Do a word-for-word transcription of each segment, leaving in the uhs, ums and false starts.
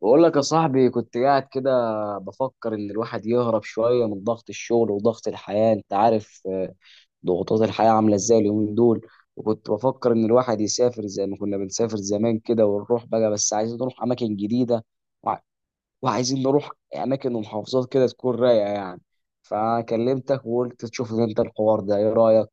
بقول لك يا صاحبي، كنت قاعد كده بفكر ان الواحد يهرب شويه من ضغط الشغل وضغط الحياه. انت عارف آه، ضغوطات الحياه عامله ازاي اليومين دول؟ وكنت بفكر ان الواحد يسافر زي ما كنا بنسافر زمان كده ونروح بقى، بس عايزين نروح اماكن جديده. وع- وعايزين نروح اماكن ومحافظات كده تكون رايقه يعني. فكلمتك وقلت تشوف انت الحوار ده ايه رايك؟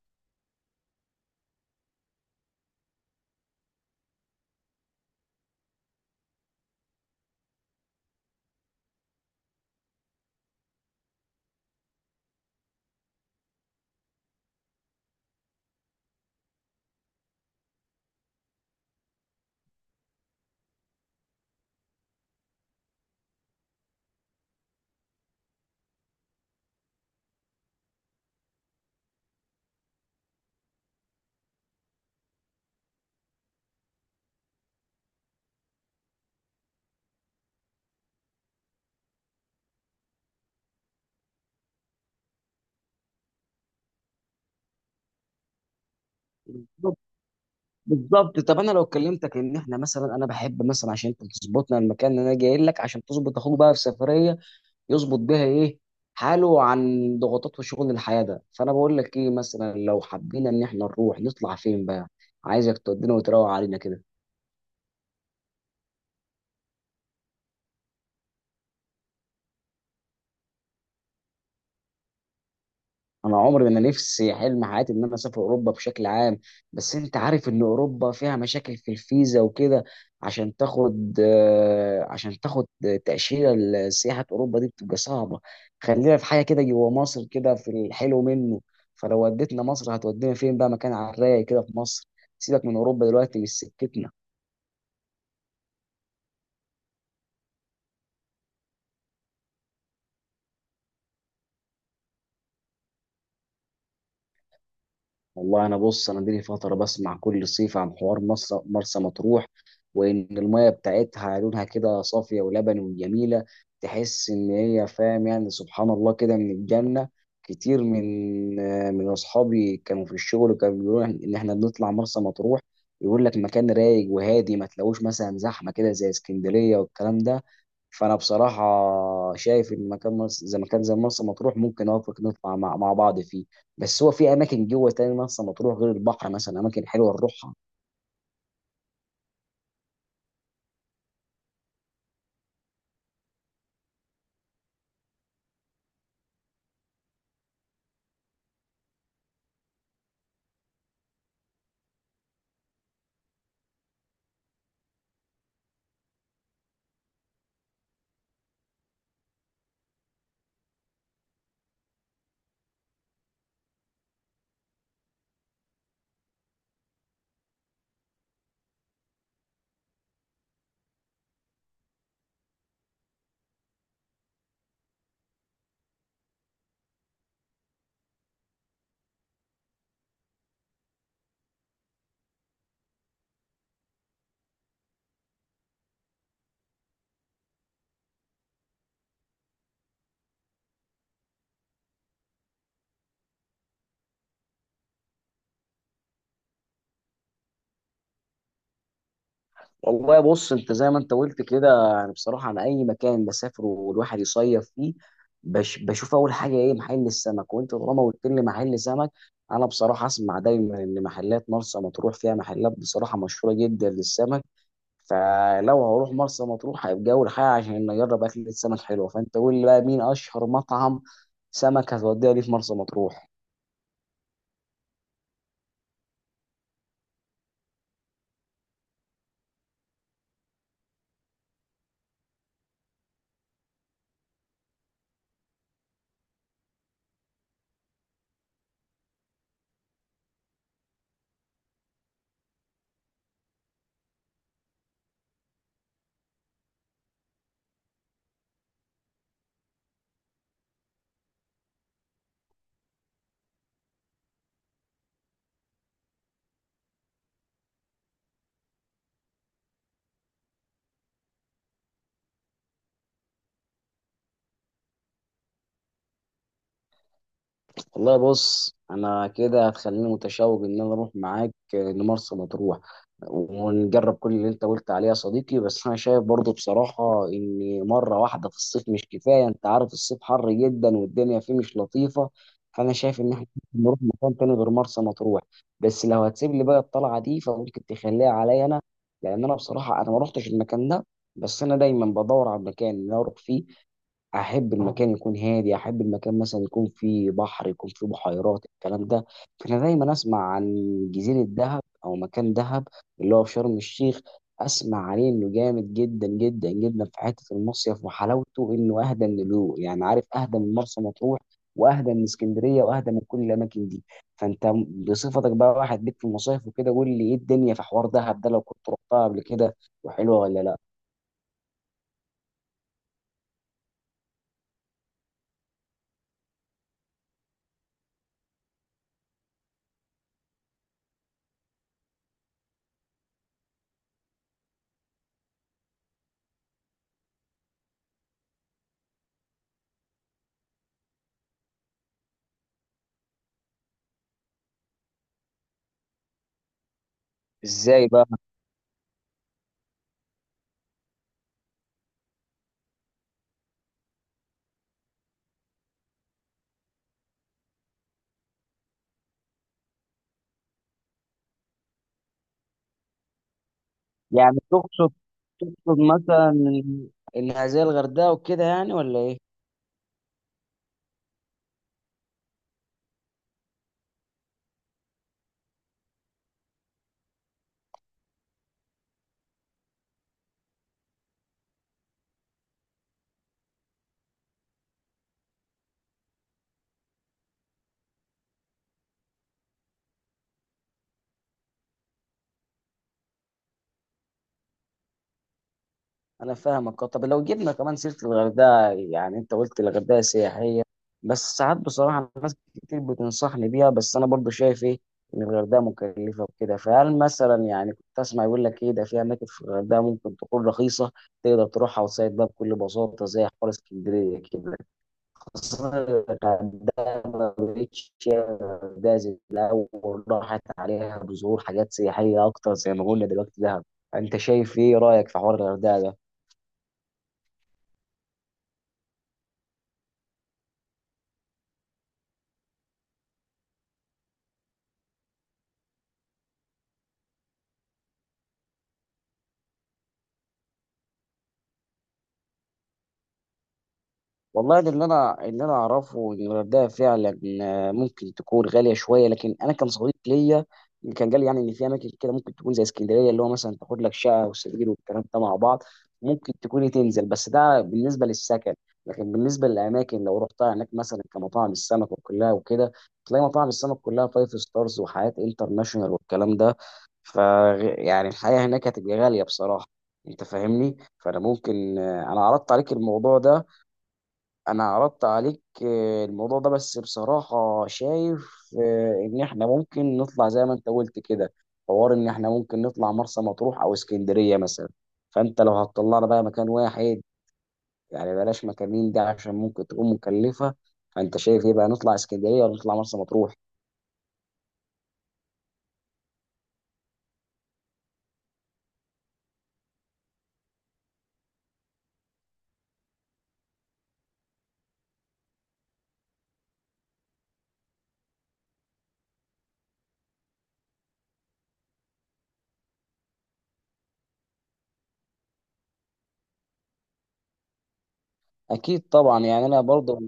بالظبط. طب انا لو كلمتك ان احنا مثلا، انا بحب مثلا عشان انت تظبطنا، المكان اللي انا جاي لك عشان تظبط اخوك بقى في سفريه يظبط بيها ايه، حاله عن ضغوطات وشغل الحياة ده، فانا بقول لك ايه مثلا لو حبينا ان احنا نروح نطلع فين بقى. عايزك تودينا وتروق علينا كده. انا عمري، انا نفسي، حلم حياتي ان انا اسافر اوروبا بشكل عام. بس انت عارف ان اوروبا فيها مشاكل في الفيزا وكده. عشان تاخد آه، عشان تاخد تأشيرة لسياحة اوروبا دي بتبقى صعبة. خلينا في حاجة كده جوا مصر، كده في الحلو منه. فلو وديتنا مصر هتودينا فين بقى، مكان على الرايق كده في مصر. سيبك من اوروبا دلوقتي مش سكتنا. والله انا بص، انا دي فتره بسمع كل صيف عن حوار مرسى مرسى مطروح، وان الميه بتاعتها لونها كده صافيه ولبني وجميله. تحس ان هي فاهم يعني سبحان الله كده من الجنه. كتير من من اصحابي كانوا في الشغل كانوا بيقولوا ان احنا بنطلع مرسى مطروح. يقول لك مكان رايق وهادي، ما تلاقوش مثلا زحمه كده زي اسكندريه والكلام ده. فانا بصراحه شايف ان مكان مرس- زي مكان زي مرسى مطروح ممكن اوافق نطلع مع مع بعض فيه. بس هو في اماكن جوه تاني مثلا، مطروح غير البحر مثلا اماكن حلوه نروحها. والله بص، انت زي ما انت قلت كده، يعني بصراحه انا اي مكان بسافره والواحد يصيف فيه بش بشوف اول حاجه ايه محل السمك. وانت طالما قلت لي محل سمك، انا بصراحه اسمع دايما ان محلات مرسى مطروح فيها محلات بصراحه مشهوره جدا للسمك. فلو هروح مرسى مطروح هيبقى اول حاجه عشان اجرب اكل السمك حلوه. فانت قول لي بقى مين اشهر مطعم سمك هتوديها لي في مرسى مطروح؟ والله بص، انا كده هتخليني متشوق ان انا اروح معاك لمرسى مطروح، ونجرب كل اللي انت قلت عليه يا صديقي. بس انا شايف برضو بصراحة ان مرة واحدة في الصيف مش كفاية. انت عارف الصيف حر جدا والدنيا فيه مش لطيفة. فانا شايف ان احنا ممكن نروح مكان تاني غير مرسى مطروح. بس لو هتسيب لي بقى الطلعة دي فممكن تخليها عليا انا، لان انا بصراحة انا ما روحتش المكان ده. بس انا دايما بدور على مكان إن أنا اروح فيه. احب اه المكان يكون هادي، احب المكان مثلا يكون فيه بحر، يكون فيه بحيرات، الكلام ده. فانا دايما اسمع عن جزيره دهب او مكان دهب، اللي هو في شرم الشيخ. اسمع عليه انه جامد جدا جدا جدا في حته المصيف وحلاوته، انه اهدى من اليو يعني عارف اهدى من مرسى مطروح، واهدى من اسكندريه، واهدى من كل الاماكن دي. فانت بصفتك بقى واحد ليك في المصايف وكده، قول لي ايه الدنيا في حوار دهب ده لو كنت رحتها قبل كده، وحلوه ولا لا؟ ازاي بقى؟ يعني تقصد، تقصد مثلا الهزيل الغردقه وكده يعني ولا ايه؟ انا فاهمك. آه، طب لو جبنا كمان سيره الغردقه، يعني انت قلت الغردقه سياحيه، بس ساعات بصراحه ناس كتير بتنصحني بيها. بس انا برضو شايف ايه، ان الغردقه مكلفه وكده. فهل مثلا، يعني كنت اسمع يقول لك ايه ده، في اماكن في الغردقه ممكن تكون رخيصه تقدر تروحها وتصيد بقى بكل بساطه زي حوار اسكندريه كده. بس أنا الغردقة ما بقتش الجايزة الأول، راحت عليها بظهور حاجات سياحية أكتر زي ما قلنا دلوقتي دهب. أنت شايف إيه رأيك في حوار الغردقة؟ والله ده اللي انا اللي انا اعرفه ان الغردقه فعلا آه، ممكن تكون غاليه شويه. لكن انا كان صديق ليا كان قال لي، يعني ان في اماكن كده ممكن تكون زي اسكندريه، اللي هو مثلا تاخد لك شقه وسرير والكلام ده مع بعض، ممكن تكون تنزل. بس ده بالنسبه للسكن. لكن بالنسبه للاماكن لو رحتها هناك مثلا كمطاعم السمك وكلها وكده، تلاقي مطاعم السمك كلها فايف ستارز وحياه انترناشونال والكلام ده. ف يعني الحياه هناك هتبقى غاليه بصراحه. انت فاهمني. فانا ممكن آه، انا عرضت عليك الموضوع ده، انا عرضت عليك آه، الموضوع ده، بس بصراحة شايف آه، ان احنا ممكن نطلع زي ما انت قلت كده. حوار ان احنا ممكن نطلع مرسى مطروح او اسكندرية مثلا. فانت لو هتطلعنا بقى مكان واحد، يعني بلاش مكانين دي عشان ممكن تكون مكلفة. فانت شايف ايه بقى، نطلع اسكندرية ولا نطلع مرسى مطروح؟ اكيد طبعا يعني انا برضه.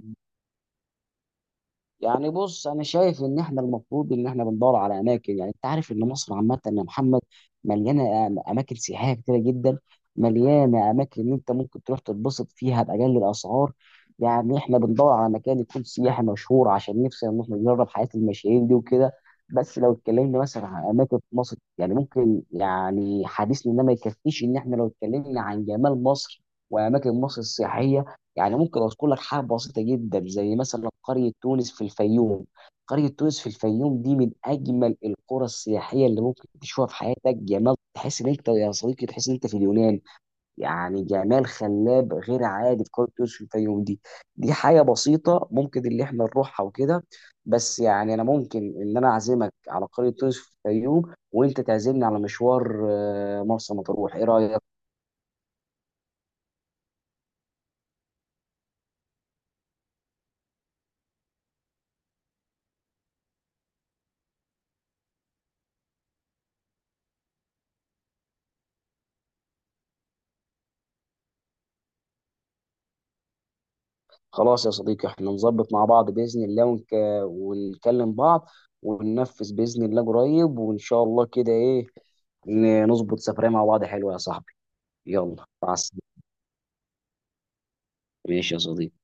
يعني بص، انا شايف ان احنا المفروض ان احنا بندور على اماكن، يعني انت عارف ان مصر عامه يا محمد مليانه أم- اماكن سياحيه كتيره جدا. مليانه اماكن ان انت ممكن تروح تتبسط فيها باقل الاسعار. يعني احنا بندور على مكان يكون سياحي مشهور عشان نفسنا ان احنا نجرب حياه المشاهير دي وكده. بس لو اتكلمنا مثلا عن اماكن في مصر، يعني ممكن يعني حديثنا ده ما يكفيش ان احنا لو اتكلمنا عن جمال مصر واماكن مصر السياحيه. يعني ممكن اذكر لك حاجه بسيطه جدا زي مثلا قريه تونس في الفيوم. قريه تونس في الفيوم دي من اجمل القرى السياحيه اللي ممكن تشوفها في حياتك. جمال تحس ان انت يا صديقي تحس ان انت في اليونان. يعني جمال خلاب غير عادي في قريه تونس في الفيوم دي. دي حاجه بسيطه ممكن اللي احنا نروحها وكده. بس يعني انا ممكن ان انا اعزمك على قريه تونس في الفيوم، وانت تعزمني على مشوار آه، مرسى مطروح. ايه رايك؟ خلاص يا صديقي، احنا نظبط مع بعض بإذن الله، ونك... ونكلم بعض، وننفذ بإذن الله قريب وإن شاء الله. كده إيه، ن- نظبط سفرية مع بعض حلوة يا صاحبي. يلا مع السلامة. ماشي يا صديقي.